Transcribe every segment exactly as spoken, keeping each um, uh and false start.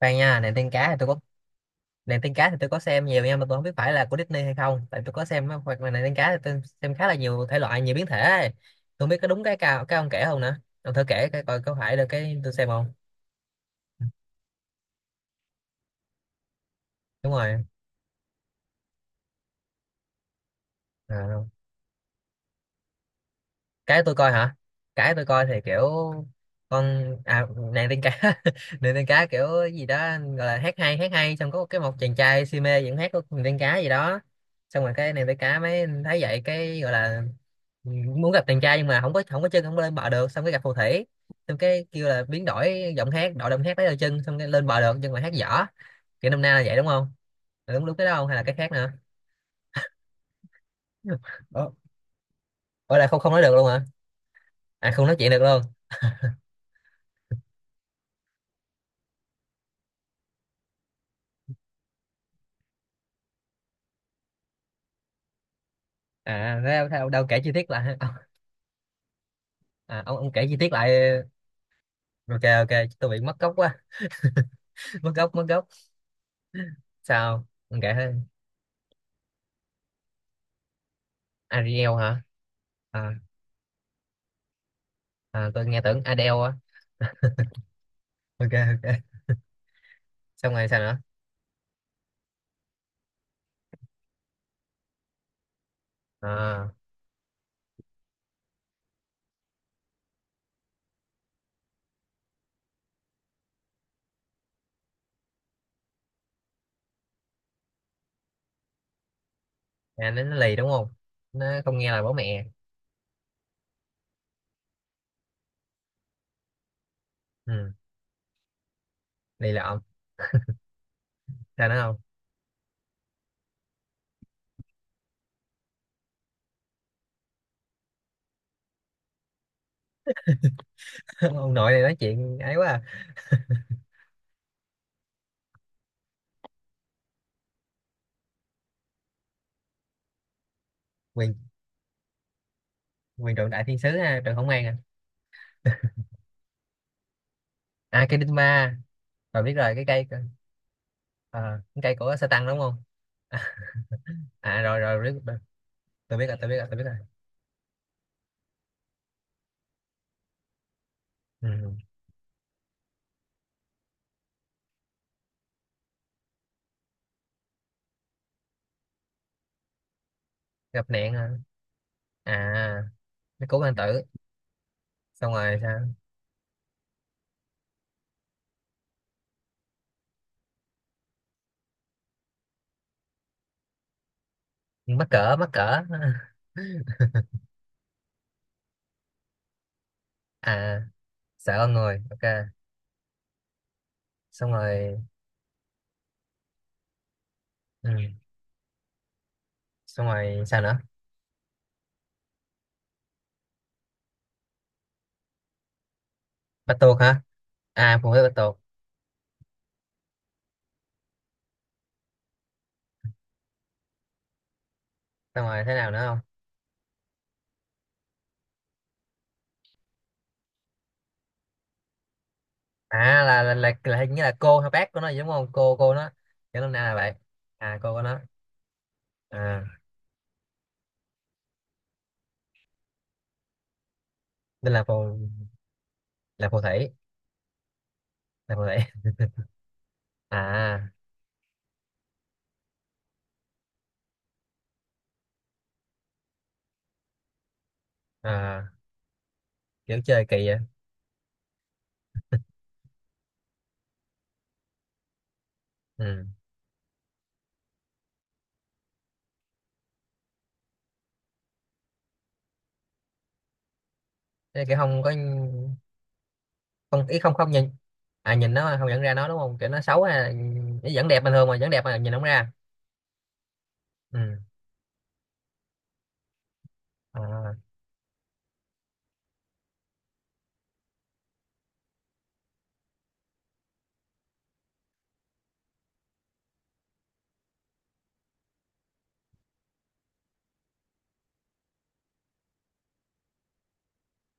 Khoan nha, nàng tiên cá thì tôi có nàng tiên cá thì tôi có xem nhiều nha, mà tôi không biết phải là của Disney hay không, tại tôi có xem á, hoặc là nàng tiên cá thì tôi xem khá là nhiều thể loại, nhiều biến thể ấy. Tôi không biết có đúng cái cao cái ông kể không nữa. Ông thử kể cái coi có phải là cái tôi xem không. Đúng rồi. À, cái tôi coi hả? Cái tôi coi thì kiểu con, à, nàng tiên cá. Nàng tiên cá kiểu gì đó gọi là hát hay, hát hay, xong có một cái, một chàng trai si mê vẫn hát của nàng tiên cá gì đó, xong rồi cái nàng tiên cá mới thấy vậy cái gọi là muốn gặp chàng trai, nhưng mà không có không có chân, không có lên bờ được, xong cái gặp phù thủy, xong cái kêu là biến đổi giọng hát, đổi giọng hát lấy đôi chân, xong cái lên bờ được nhưng mà hát dở. Kiểu năm nay là vậy đúng không? Là đúng, đúng cái đó không hay là cái khác nữa? Ờ. Ủa là không, không nói được luôn hả? À không nói chuyện được luôn. À thế ông, thế ông đâu kể chi tiết lại ha? À, ông ông kể chi tiết lại. Ok, ok. Tôi bị mất gốc quá. Mất gốc, mất gốc. Sao ông kể ha? Ariel hả? À, à, tôi nghe tưởng Adele á. Ok, ok. Xong rồi sao nữa? À, à nó, nó lì đúng không? Nó không nghe lời bố mẹ. Ừ, lì lợm. Sao nữa không? Ông nội này nói chuyện ấy quá à. Quyền, quyền trượng đại thiên sứ ha trần khổng an à? À cây đinh ba. Rồi biết rồi cái cây cơ- ờ, cái cây của Satan đúng không? À, rồi rồi biết rồi. Tôi biết rồi, tôi biết rồi, tôi biết rồi. Ừ. Gặp nạn hả? À nó cứu hoàng tử. Xong rồi sao? Mắc cỡ, mắc cỡ. À sợ con người, ok. Xong rồi. Ừ. Xong rồi sao nữa? Bắt tuộc hả? À phụ nữ bắt tuộc. Xong rồi thế nào nữa không? À là là là, là hình như là cô hay bác của nó gì đúng không, cô cô nó cho nên là vậy. À cô của nó. À nên là phù, là phù thủy, là phù thủy. À. À kiểu chơi kỳ vậy. Ừ, thế cái không có, không ý không, không nhìn? À nhìn nó không nhận ra nó đúng không, kiểu nó xấu à? Nó vẫn đẹp bình thường mà, vẫn đẹp mà nhìn không ra. Ừ. À,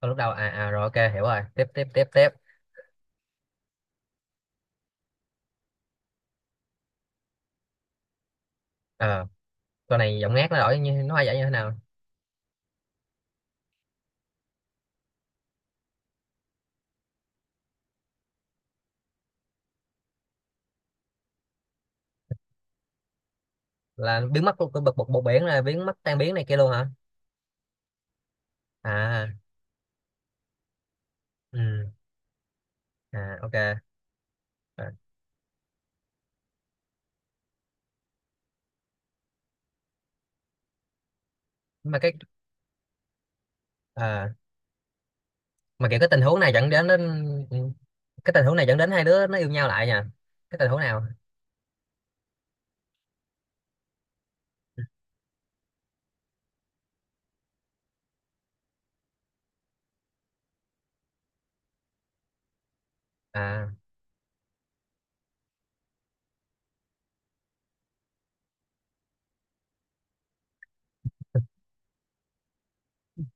thôi lúc đầu à, à rồi ok hiểu rồi, tiếp tiếp tiếp tiếp. Ờ, con này giọng ngát nó đổi như nó hay vậy như thế nào? Là biến mất của bực bực bột biển, là biến mất tan biến này kia luôn hả? À. Ừ. À ok. Rồi. Mà cái, à, mà kiểu cái tình huống này dẫn đến, đến. Ừ, cái tình huống này dẫn đến hai đứa nó yêu nhau lại nha. Cái tình huống nào? À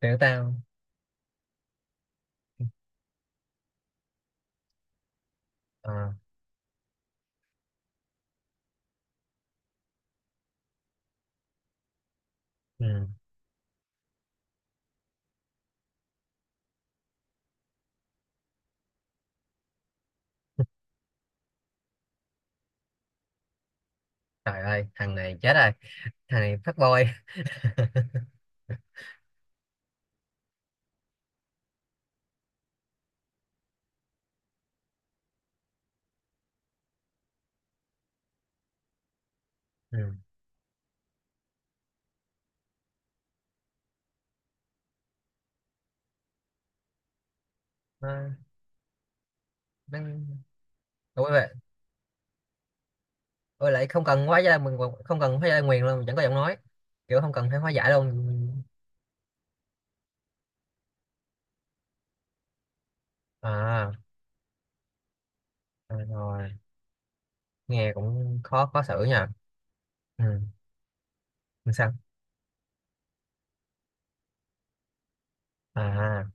kiểu tao. À, ừ. Trời ơi thằng này chết rồi. Thằng này phát boy. Ừ. nó, nó... Ôi vậy. Ôi lại không cần hóa giải mình, không cần hóa giải nguyền luôn, chẳng có giọng nói, kiểu không cần phải hóa giải luôn. À. Rồi, rồi. Nghe cũng khó, khó xử nha. Ừ. Làm sao? À.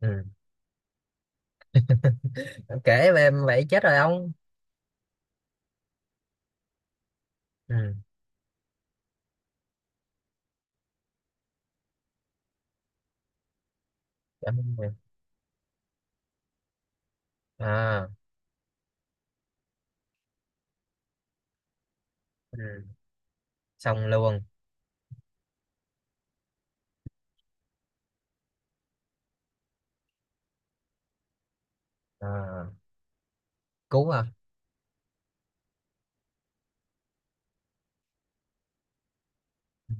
Ừ. Kể về em vậy chết rồi ông. Ừ. Cảm ơn em. À. Ừ. Xong luôn. À. Cứu à? Ừ.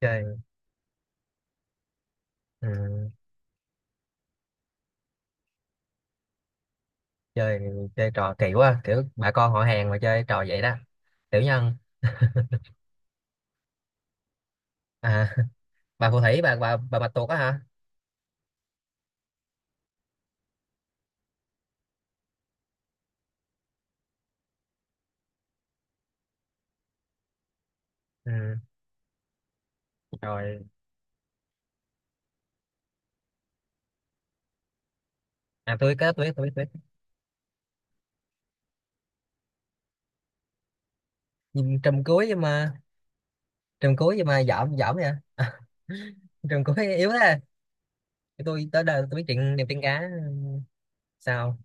Chơi. Ừ. Chơi, chơi trò kỳ quá, kiểu bà con họ hàng mà chơi trò vậy đó. Tiểu nhân. À bà phù thủy, bà bà bà bạch tuộc á hả? Ừ. Rồi. À tôi có, tôi biết, tôi biết, tôi biết. Nhìn trầm cuối nhưng mà, trầm cuối nhưng mà dởm dởm vậy. À. Trầm cuối yếu thế. Cái tôi tới đời tôi biết chuyện đẹp tiên cá. Sao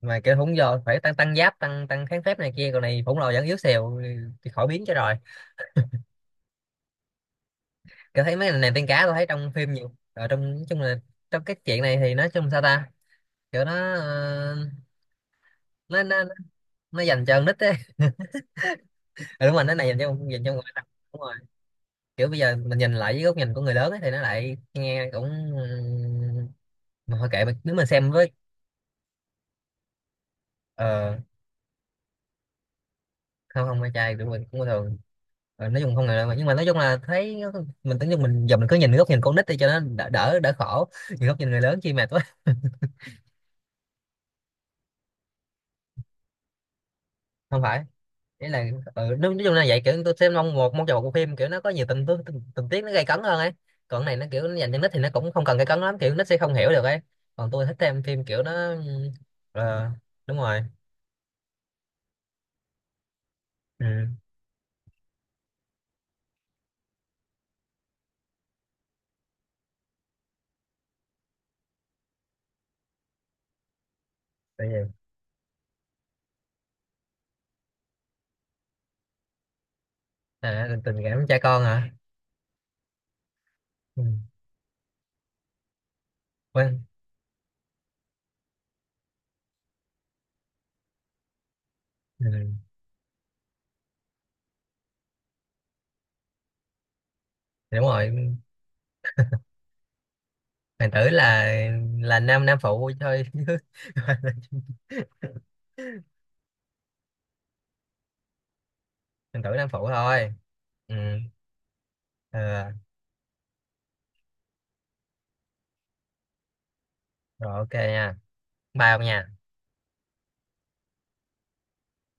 mà kêu không, giờ phải tăng tăng giáp, tăng tăng kháng phép này kia, còn này khổng lồ vẫn yếu xìu thì khỏi biến cho rồi. Kiểu thấy mấy cái này tiên cá, tôi thấy trong phim nhiều ở trong, nói chung là trong cái chuyện này thì nói chung sao ta. Kiểu nó ờ, nó nó nó dành cho con nít ấy. Ừ, đúng rồi, nó này dành cho, dành cho người đọc. Đúng. Kiểu bây giờ mình nhìn lại với góc nhìn của người lớn ấy, thì nó lại nghe cũng, mà thôi kệ mình nếu mình xem với. Ờ không, không mai trai của mình cũng bình thường. Ờ, nói chung không ngờ đâu mà, nhưng mà nói chung là thấy mình tưởng như mình giờ mình cứ nhìn góc nhìn con nít đi cho nó đỡ đỡ, đỡ khổ, nhìn góc nhìn người lớn chi mệt quá. Không phải, đấy là, ừ, nói, nói chung là vậy, kiểu tôi xem mong một, mong chờ một bộ phim kiểu nó có nhiều tình tình, tình, tình tiết nó gay cấn hơn ấy. Còn cái này nó kiểu nó dành cho nít thì nó cũng không cần gay cấn lắm, kiểu nít sẽ không hiểu được ấy. Còn tôi thích xem phim kiểu nó ừ, ờ, đúng rồi. Ừ. Tại vì à, tình, tình cảm cha con hả? Ừ. Quên. Ừ. Đúng rồi. Hoàng tử là là nam nam phụ thôi. Chứ hoàng tử nam phụ thôi. Ừ. Ờ. Rồi ok nha. Bao nha.